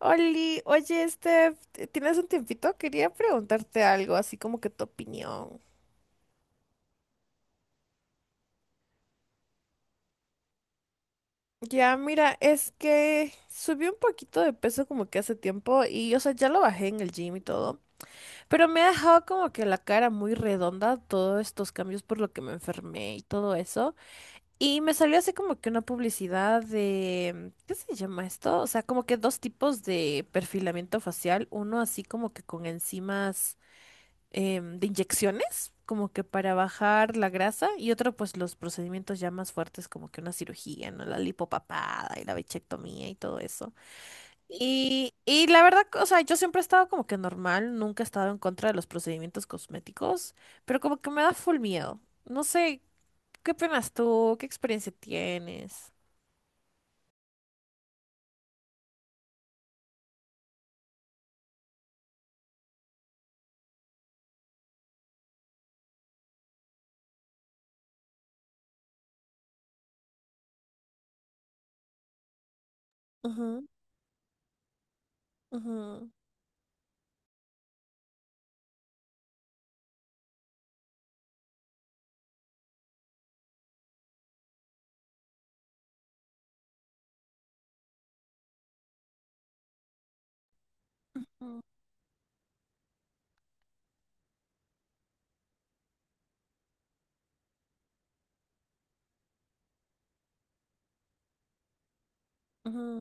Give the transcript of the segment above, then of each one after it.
Oli, oye, Steph, ¿tienes un tiempito? Quería preguntarte algo, así como que tu opinión. Ya, mira, es que subí un poquito de peso como que hace tiempo y, o sea, ya lo bajé en el gym y todo, pero me ha dejado como que la cara muy redonda, todos estos cambios por lo que me enfermé y todo eso. Y me salió así como que una publicidad de, ¿qué se llama esto? O sea, como que dos tipos de perfilamiento facial, uno así como que con enzimas de inyecciones, como que para bajar la grasa, y otro, pues los procedimientos ya más fuertes, como que una cirugía, ¿no? La lipopapada y la bichectomía y todo eso. Y la verdad, o sea, yo siempre he estado como que normal, nunca he estado en contra de los procedimientos cosméticos, pero como que me da full miedo. No sé, ¿qué opinas tú? ¿Qué experiencia tienes? Ujú, ujú, ujú, ujú,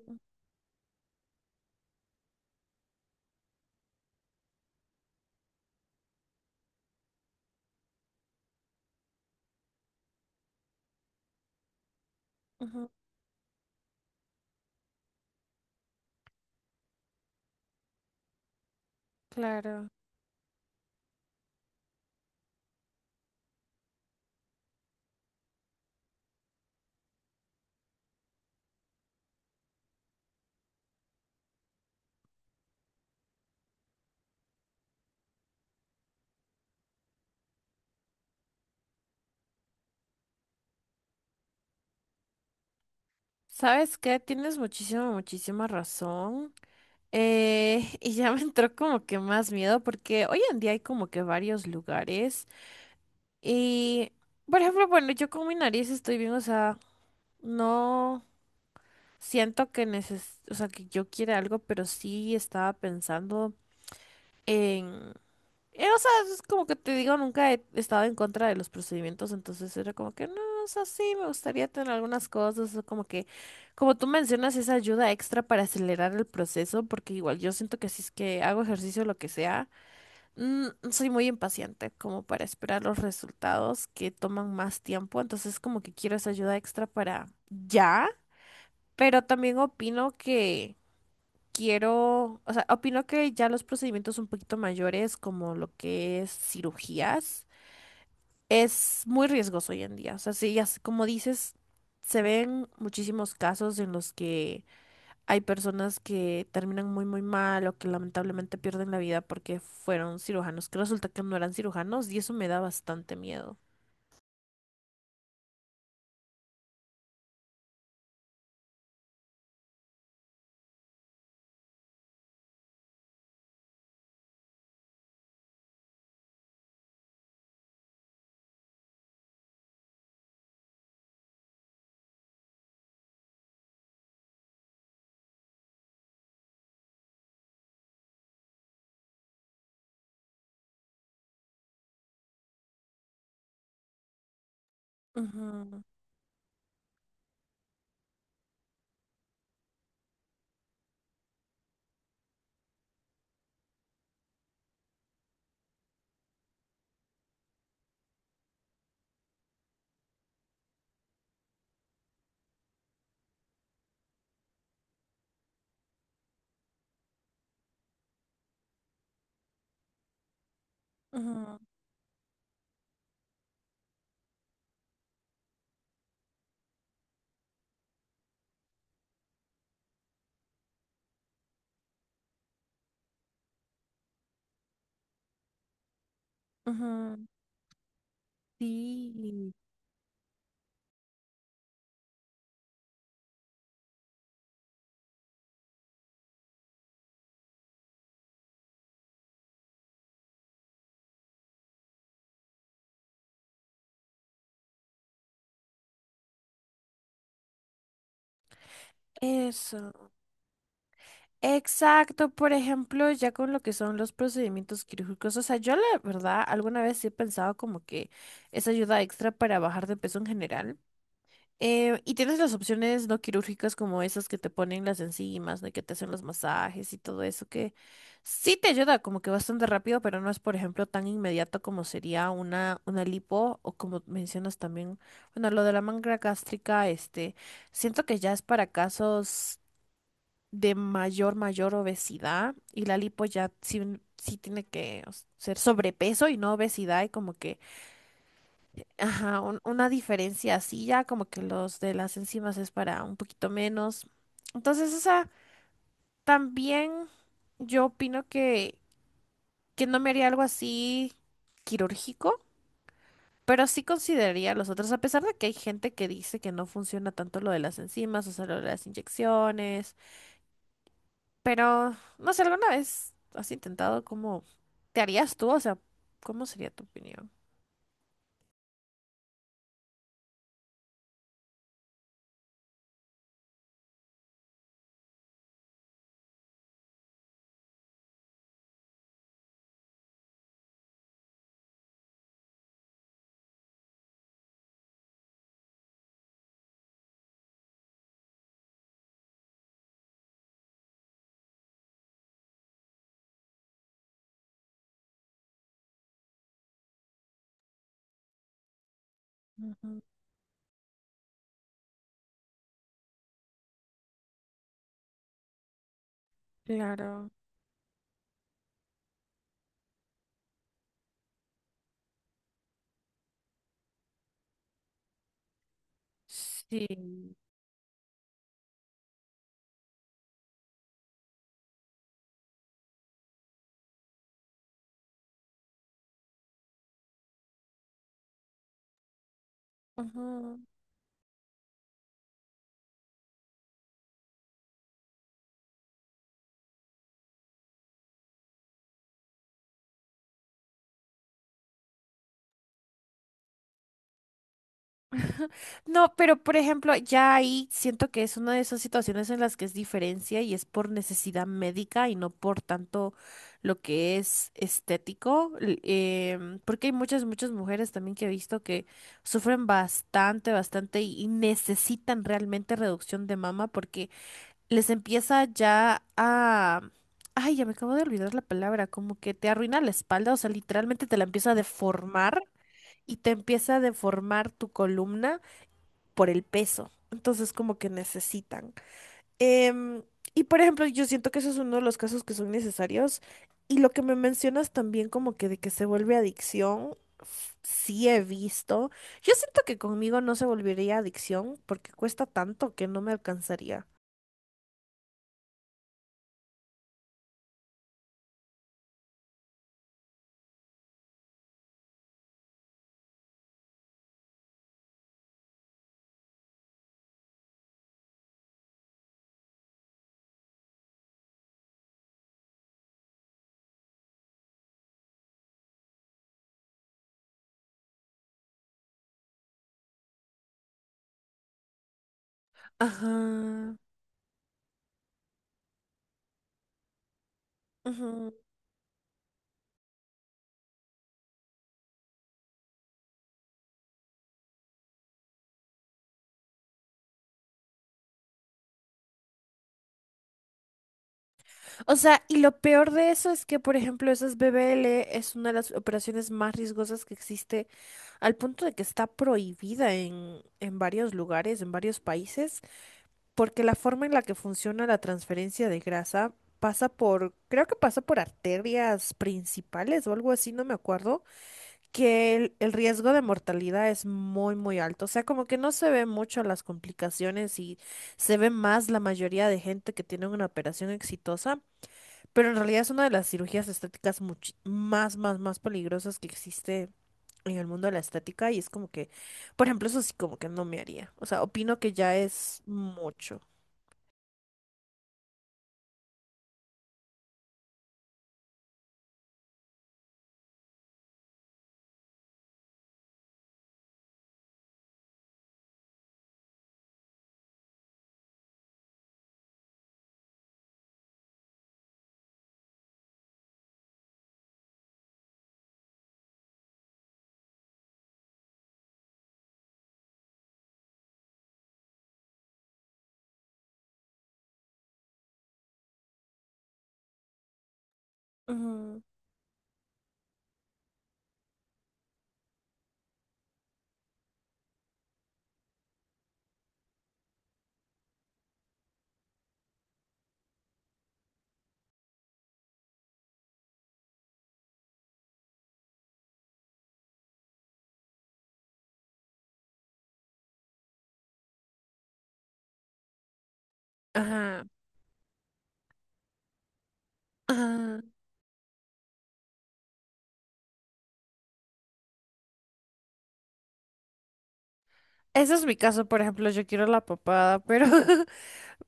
ujú, claro. ¿Sabes qué? Tienes muchísima, muchísima razón. Y ya me entró como que más miedo porque hoy en día hay como que varios lugares y, por ejemplo, bueno, yo con mi nariz estoy bien, o sea, no siento que o sea, que yo quiera algo, pero sí estaba pensando o sea, es como que te digo, nunca he estado en contra de los procedimientos, entonces era como que no, o sea, sí, me gustaría tener algunas cosas, o como que, como tú mencionas, esa ayuda extra para acelerar el proceso, porque igual yo siento que si es que hago ejercicio, lo que sea, soy muy impaciente como para esperar los resultados que toman más tiempo, entonces como que quiero esa ayuda extra para ya, pero también opino que quiero, o sea, opino que ya los procedimientos un poquito mayores, como lo que es cirugías, es muy riesgoso hoy en día. O sea, sí, ya, como dices, se ven muchísimos casos en los que hay personas que terminan muy, muy mal o que lamentablemente pierden la vida porque fueron cirujanos, que resulta que no eran cirujanos y eso me da bastante miedo. Ujú, ujú, ujú. Sí, eso. Exacto, por ejemplo, ya con lo que son los procedimientos quirúrgicos, o sea, yo la verdad alguna vez sí he pensado como que es ayuda extra para bajar de peso en general. Y tienes las opciones no quirúrgicas como esas que te ponen las enzimas, de que te hacen los masajes y todo eso, que sí te ayuda como que bastante rápido, pero no es, por ejemplo, tan inmediato como sería una lipo o como mencionas también, bueno, lo de la manga gástrica, este, siento que ya es para casos de mayor, mayor obesidad y la lipo ya sí, sí tiene que o ser sobrepeso y no obesidad y como que, ajá, una diferencia así ya, como que los de las enzimas es para un poquito menos. Entonces, esa también yo opino que no me haría algo así quirúrgico. Pero sí consideraría los otros, a pesar de que hay gente que dice que no funciona tanto lo de las enzimas, o sea, lo de las inyecciones. Pero, no sé, ¿alguna vez has intentado cómo te harías tú? O sea, ¿cómo sería tu opinión? Ujú, claro, sí. Ujú. No, pero por ejemplo, ya ahí siento que es una de esas situaciones en las que es diferencia y es por necesidad médica y no por tanto lo que es estético, porque hay muchas, muchas mujeres también que he visto que sufren bastante, bastante y necesitan realmente reducción de mama porque les empieza ya a... Ay, ya me acabo de olvidar la palabra, como que te arruina la espalda, o sea, literalmente te la empieza a deformar y te empieza a deformar tu columna por el peso. Entonces, como que necesitan. Em, y por ejemplo, yo siento que eso es uno de los casos que son necesarios. Y lo que me mencionas también como que de que se vuelve adicción, sí he visto. Yo siento que conmigo no se volvería adicción porque cuesta tanto que no me alcanzaría. Ajá. Ujú. O sea, y lo peor de eso es que, por ejemplo, esas BBL es una de las operaciones más riesgosas que existe, al punto de que está prohibida en varios lugares, en varios países, porque la forma en la que funciona la transferencia de grasa pasa por, creo que pasa por arterias principales o algo así, no me acuerdo, que el riesgo de mortalidad es muy, muy alto. O sea, como que no se ven mucho las complicaciones y se ve más la mayoría de gente que tiene una operación exitosa. Pero en realidad es una de las cirugías estéticas más, más, más peligrosas que existe en el mundo de la estética y es como que, por ejemplo, eso sí como que no me haría. O sea, opino que ya es mucho. Ujú. Ajá. Ajá. Ese es mi caso, por ejemplo, yo quiero la papada, pero,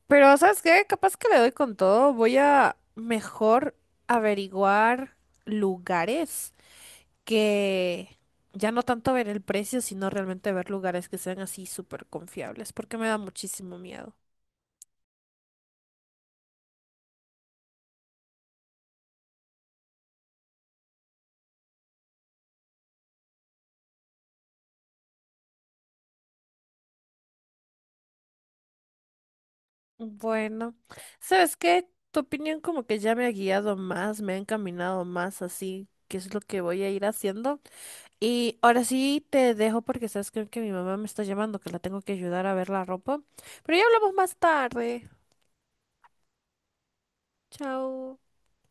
pero ¿sabes qué? Capaz que le doy con todo. Voy a mejor averiguar lugares que ya no tanto ver el precio, sino realmente ver lugares que sean así súper confiables, porque me da muchísimo miedo. Bueno, ¿sabes qué? Tu opinión como que ya me ha guiado más, me ha encaminado más así, que es lo que voy a ir haciendo. Y ahora sí te dejo porque sabes que mi mamá me está llamando, que la tengo que ayudar a ver la ropa. Pero ya hablamos más tarde. Chao.